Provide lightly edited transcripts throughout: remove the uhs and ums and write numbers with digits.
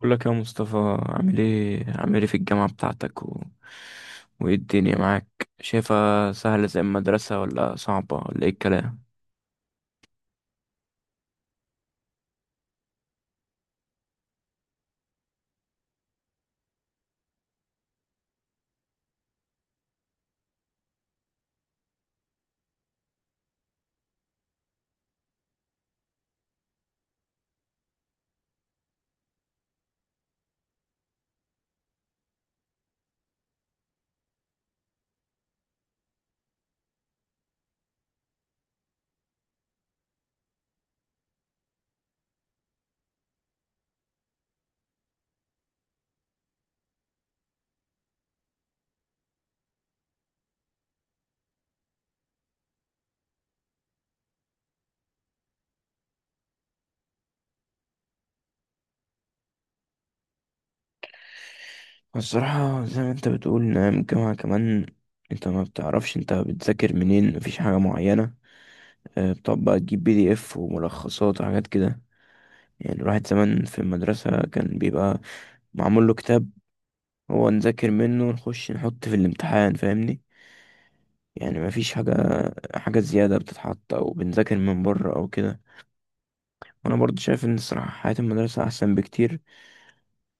بقول لك يا مصطفى، عامل ايه في الجامعة بتاعتك وايه الدنيا معاك؟ شايفها سهلة زي المدرسة ولا صعبة ولا ايه الكلام؟ الصراحة زي ما انت بتقول، نعم. الجامعة كمان انت ما بتعرفش انت بتذاكر منين، مفيش حاجة معينة. اه، بتقعد بقى تجيب بي دي اف وملخصات وحاجات كده. يعني الواحد زمان في المدرسة كان بيبقى معمول له كتاب، هو نذاكر منه ونخش نحط في الامتحان، فاهمني؟ يعني ما فيش حاجة زيادة بتتحط أو بنذاكر من بره أو كده. وأنا برضو شايف إن الصراحة حياة المدرسة أحسن بكتير،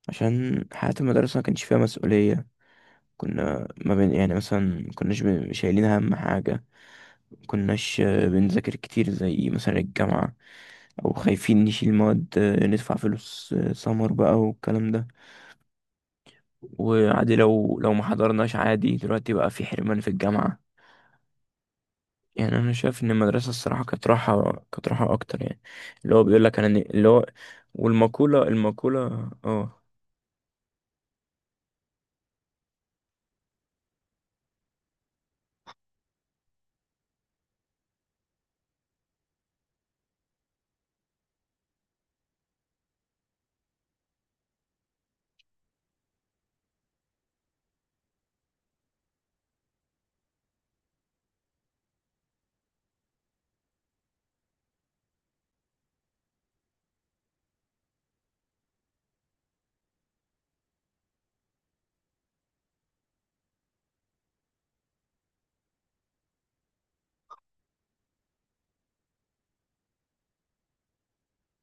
عشان حياة المدرسة ما كانش فيها مسؤولية. كنا ما بين يعني مثلا ما كناش شايلين هم حاجة. ما كناش بنذاكر كتير زي مثلا الجامعة، أو خايفين نشيل مواد، ندفع فلوس، سمر بقى والكلام ده. وعادي لو ما حضرناش، عادي. دلوقتي بقى في حرمان في الجامعة. يعني انا شايف ان المدرسه الصراحه كانت راحه، كانت راحه اكتر يعني. اللي هو بيقول لك انا اللي هو والمقوله، اه.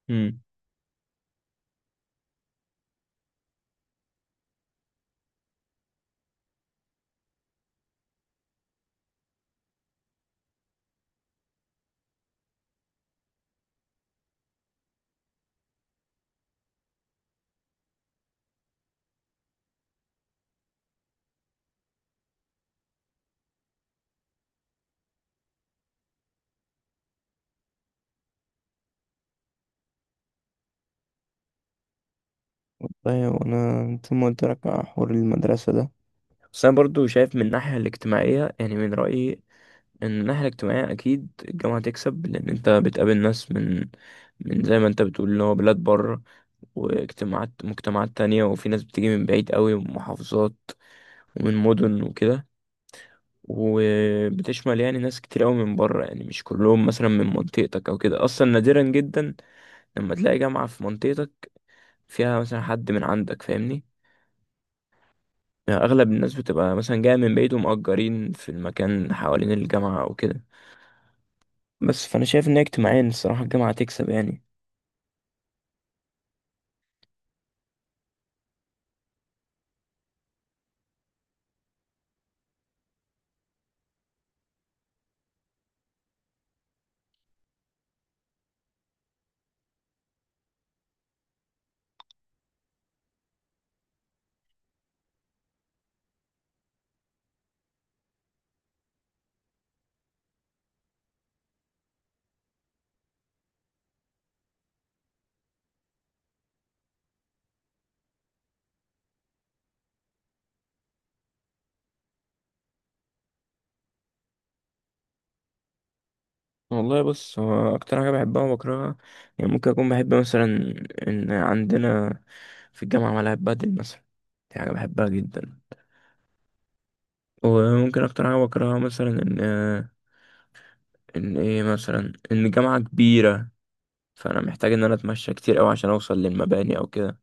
امم، طيب انا زي ما قلت لك على حوار المدرسه ده، بس انا برضو شايف من الناحيه الاجتماعيه يعني من رايي ان الناحيه الاجتماعيه اكيد الجامعه تكسب، لان انت بتقابل ناس من زي ما انت بتقول اللي هو بلاد بره مجتمعات تانية، وفي ناس بتيجي من بعيد قوي، ومحافظات ومن مدن وكده. وبتشمل يعني ناس كتير قوي من بره، يعني مش كلهم مثلا من منطقتك او كده. اصلا نادرا جدا لما تلاقي جامعة في منطقتك فيها مثلا حد من عندك، فاهمني؟ يعني اغلب الناس بتبقى مثلا جاية من بعيد ومأجرين في المكان حوالين الجامعة او كده. بس فانا شايف ان هي اجتماعيا الصراحة الجامعة تكسب يعني. والله بص، هو اكتر حاجة بحبها وبكرهها، يعني ممكن اكون بحب مثلا ان عندنا في الجامعة ملاعب بدل مثلا. دي حاجة بحبها جدا. وممكن اكتر حاجة بكرهها مثلا ان ان ايه مثلا ان الجامعة كبيرة، فانا محتاج ان انا اتمشى كتير قوي عشان اوصل للمباني او كده.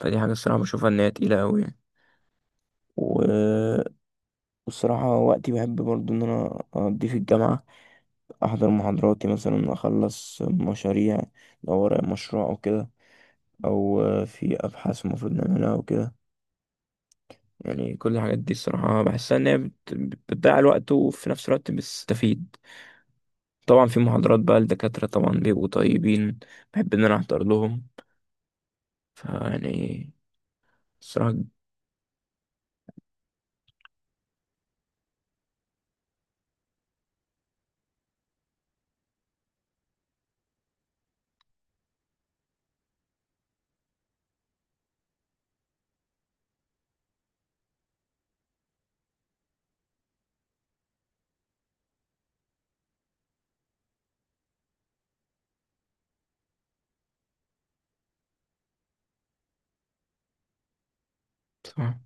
فدي حاجة الصراحة بشوفها ان هي تقيلة قوي يعني. و- والصراحة وقتي بحب برضو ان انا اقضيه في الجامعة، احضر محاضراتي، مثلا اخلص مشاريع لو ورايا مشروع او كده، او في ابحاث المفروض نعملها او كده. يعني كل الحاجات دي الصراحة بحسها ان هي بتضيع الوقت وفي نفس الوقت بتستفيد. طبعا في محاضرات بقى الدكاترة طبعا بيبقوا طيبين، بحب ان انا احضر لهم، فيعني الصراحة. بصراحة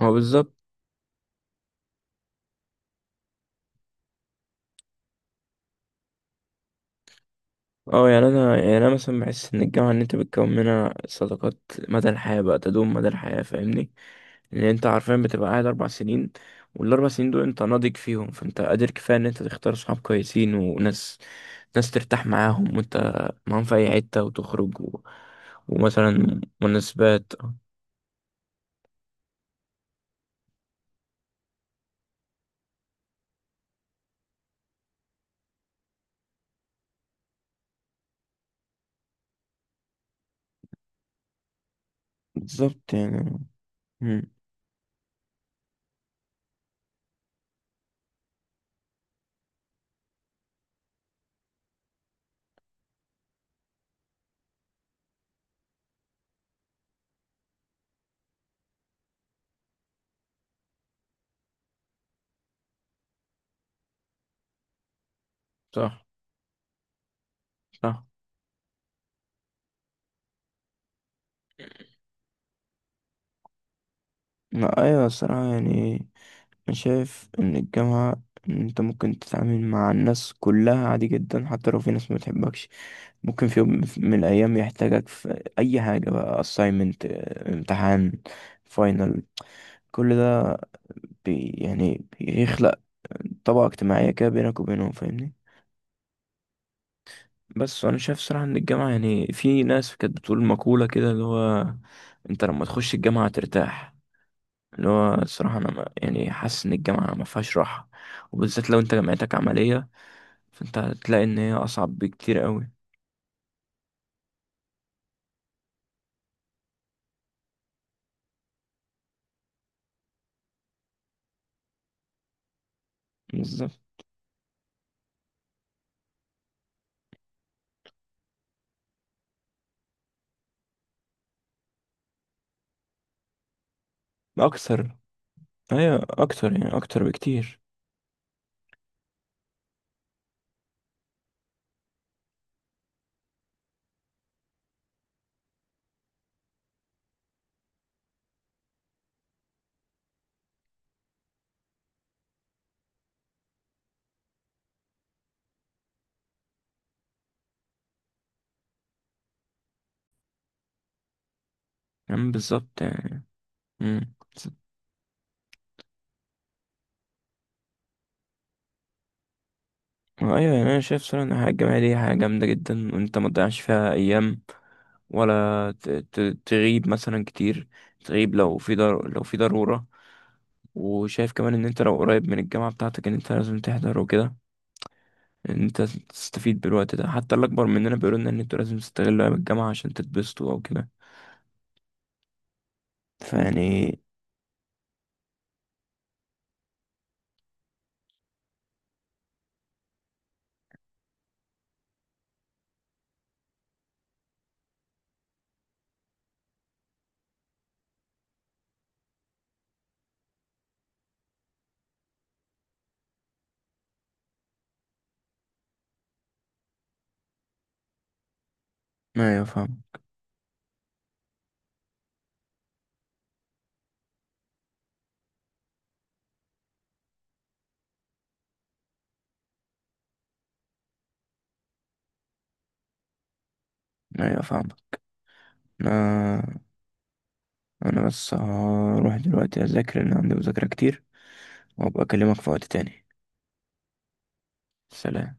هو بالظبط. اه يعني انا مثلا بحس ان الجامعة ان انت بتكون منها صداقات مدى الحياة، بقى تدوم مدى الحياة، فاهمني؟ لان انت عارفيا بتبقى قاعد اربع سنين، والاربع سنين دول انت ناضج فيهم، فانت قادر كفاية ان انت تختار صحاب كويسين وناس، ناس ترتاح معاهم وانت معاهم في اي حتة، وتخرج ومثلا مناسبات. بالظبط يعني. مم. صح. صح. لا، ايوه. الصراحة يعني أنا شايف إن الجامعة، إن أنت ممكن تتعامل مع الناس كلها عادي جدا، حتى لو في ناس ما بتحبكش ممكن في يوم من الأيام يحتاجك في أي حاجة بقى، assignment، امتحان، final، كل ده بي يعني بيخلق طبقة اجتماعية كده بينك وبينهم، فاهمني؟ بس أنا شايف صراحة إن الجامعة يعني في ناس كانت بتقول مقولة كده، اللي هو أنت لما تخش الجامعة ترتاح. اللي هو الصراحة أنا يعني حاسس إن الجامعة ما فيهاش راحة، وبالذات لو أنت جامعتك عملية، فانت هتلاقي ان هي اصعب بكتير قوي. بالظبط. اكثر. ايوه اكتر يعني، اكتر بكتير. يعني بالظبط يعني. امم. ايوه يعني انا شايف صراحه ان الحياه الجامعيه دي حاجه جامده جدا، وانت ما تضيعش فيها ايام، ولا تغيب مثلا كتير. تغيب لو في لو في ضروره. وشايف كمان ان انت لو قريب من الجامعه بتاعتك ان انت لازم تحضر وكده، ان انت تستفيد بالوقت ده. حتى الاكبر مننا بيقولوا لنا ان انتوا لازم تستغلوا ايام الجامعه عشان تتبسطوا او كده. فيعني ما يفهم. ايوه فاهمك. انا انا بس هروح دلوقتي اذاكر لان عندي مذاكرة كتير، وابقى اكلمك في وقت تاني. سلام.